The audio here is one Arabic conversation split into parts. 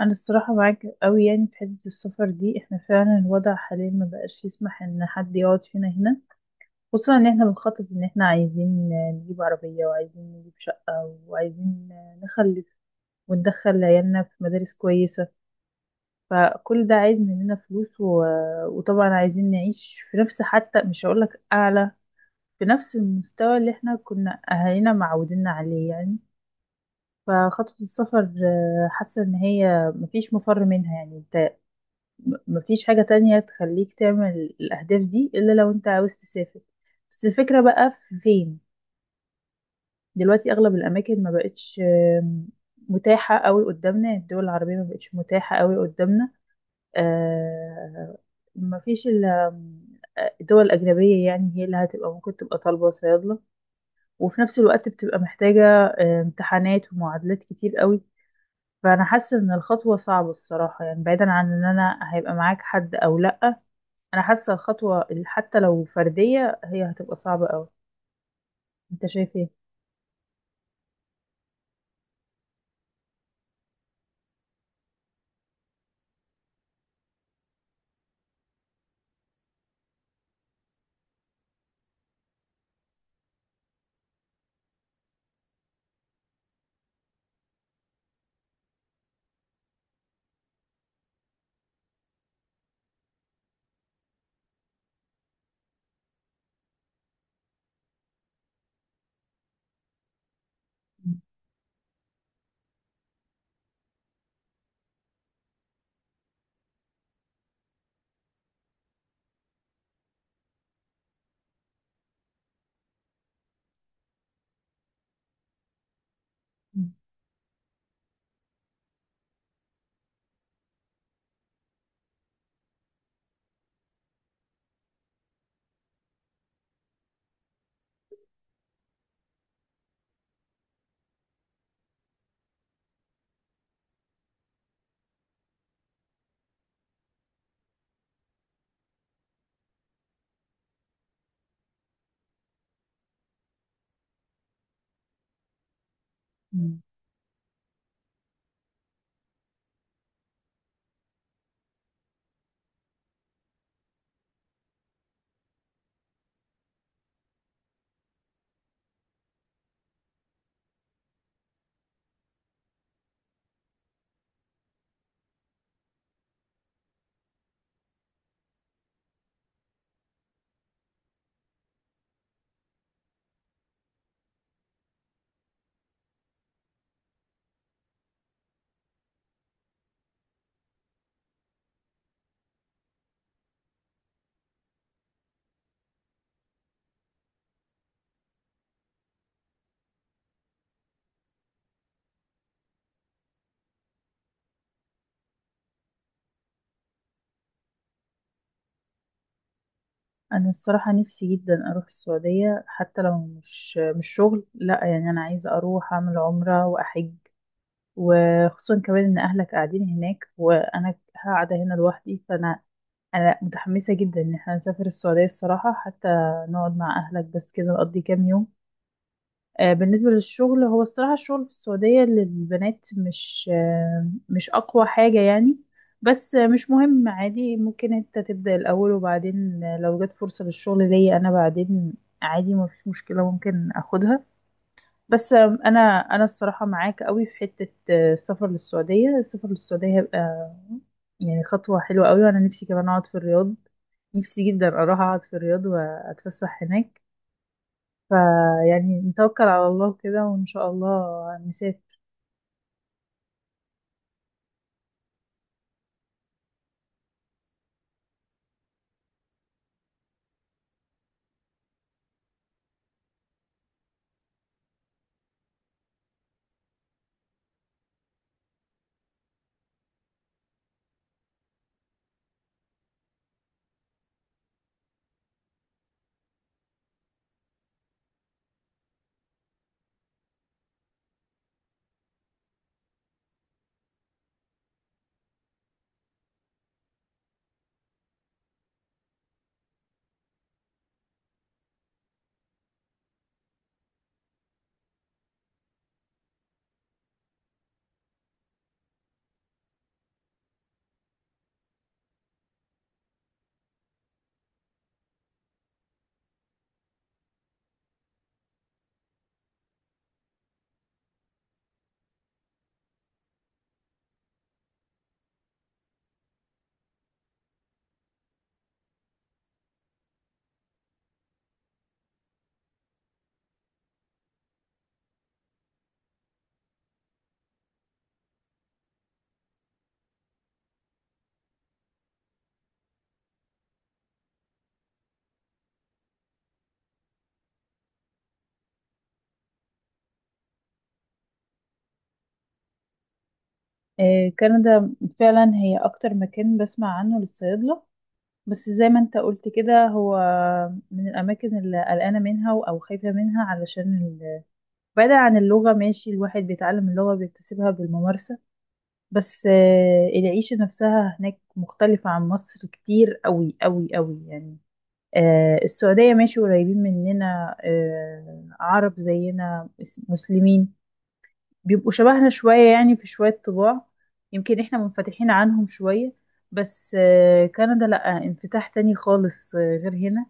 انا الصراحه معاك قوي يعني في حته السفر دي، احنا فعلا الوضع حاليا ما بقاش يسمح ان حد يقعد فينا هنا. خصوصا ان احنا بنخطط ان احنا عايزين نجيب عربيه وعايزين نجيب شقه وعايزين نخلف وندخل عيالنا في مدارس كويسه. فكل ده عايز مننا فلوس وطبعا عايزين نعيش في نفس حتى مش هقولك اعلى، في نفس المستوى اللي احنا كنا اهالينا معوديننا عليه يعني. فخطوه السفر آه، حاسه ان هي مفيش مفر منها يعني. مفيش حاجة تانية تخليك تعمل الأهداف دي إلا لو أنت عاوز تسافر. بس الفكرة بقى في فين؟ دلوقتي أغلب الأماكن ما بقتش آم، متاحة قوي قدامنا. يعني الدول العربية ما بقتش متاحة قوي قدامنا. آه، مفيش إلا الدول الأجنبية. يعني هي اللي هتبقى ممكن تبقى طالبة صيادلة، وفي نفس الوقت بتبقى محتاجة آه، امتحانات ومعادلات كتير قوي. فأنا حاسة إن الخطوة صعبة الصراحة، يعني بعيدا عن إن أنا هيبقى معاك حد أو لأ، انا حاسه حتى لو فرديه هي هتبقى صعبه قوي. انت شايف ايه؟ مم. مم. مم. انا الصراحه نفسي جدا اروح السعوديه. حتى لو مش شغل، لا، يعني انا عايزه اروح اعمل عمره واحج. وخصوصا كمان ان اهلك قاعدين هناك وانا قاعده هنا لوحدي، فانا انا متحمسه جدا ان احنا نسافر السعوديه الصراحه، حتى نقعد مع اهلك بس كده، نقضي كام يوم. آه، بالنسبة للشغل، هو الصراحة الشغل في السعودية للبنات مش آه، مش أقوى حاجة يعني. بس آه، مش مهم، عادي، ممكن انت تبدأ الأول، وبعدين آه، لو جت فرصة للشغل ليا أنا بعدين، عادي ما فيش مشكلة، ممكن أخدها. بس آه، أنا أنا الصراحة معاك قوي في حتة آه، السفر للسعودية. السفر للسعودية هيبقى يعني خطوة حلوة قوي، وأنا نفسي كمان أقعد في الرياض. نفسي جدا أروح أقعد في الرياض وأتفسح هناك. فيعني نتوكل على الله كده وإن شاء الله نسافر. آه، كندا فعلا هي أكتر مكان بسمع عنه للصيادلة. بس زي ما انت قلت كده، هو من الأماكن اللي قلقانة منها أو خايفة منها، بعيدا عن اللغة، ماشي، الواحد بيتعلم اللغة بيكتسبها بالممارسة. بس آه، العيشة نفسها هناك مختلفة عن مصر كتير قوي قوي قوي يعني. آه، السعودية ماشي، قريبين مننا، آه، عرب زينا، مسلمين، بيبقوا شبهنا شوية يعني في شوية طباع. يمكن احنا منفتحين عنهم شوية. بس آه، كندا لأ، انفتاح تاني خالص آه، غير هنا.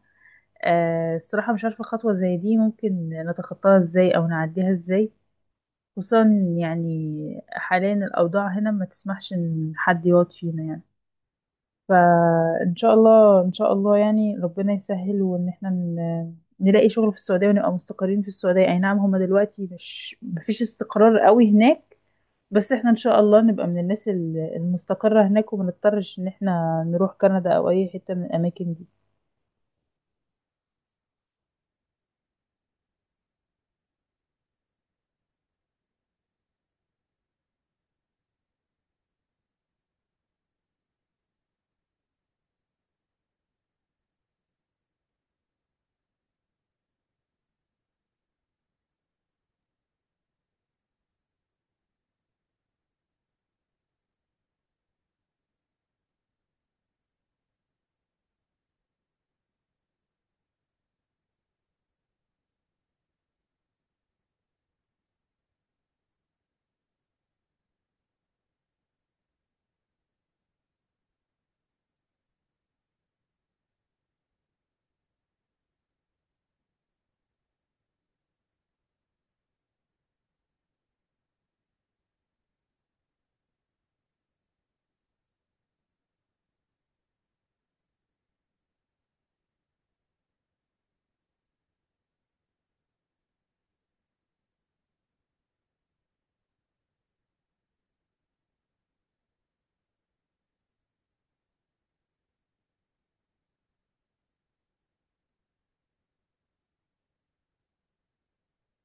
آه، الصراحة مش عارفة خطوة زي دي ممكن نتخطاها ازاي أو نعديها ازاي. خصوصا يعني حاليا الأوضاع هنا ما تسمحش إن حد يقعد فينا يعني. فإن شاء الله، إن شاء الله يعني ربنا يسهل، وإن احنا نلاقي شغل في السعودية ونبقى مستقرين في السعودية. أي نعم هما دلوقتي مش مفيش استقرار قوي هناك، بس احنا ان شاء الله نبقى من المستقرة هناك، وما نضطرش ان احنا نروح كندا او اي حتة من الاماكن دي.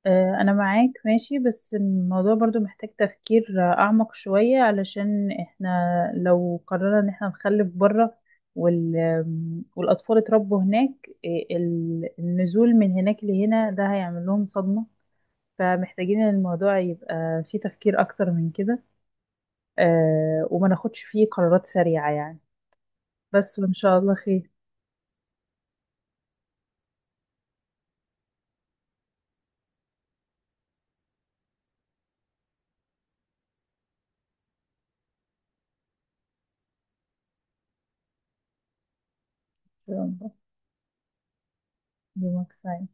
آه، انا معاك ماشي، بس الموضوع برضو محتاج تفكير آه، اعمق شوية، علشان احنا لو قررنا ان احنا نخلف بره آم، والاطفال اتربوا هناك آه، النزول من هناك لهنا ده هيعمل لهم صدمة. فمحتاجين ان الموضوع يبقى فيه تفكير اكتر من كده آه، وما ناخدش فيه قرارات سريعة يعني. بس وان شاء الله خير. إن شاء الله. يومك سعيد.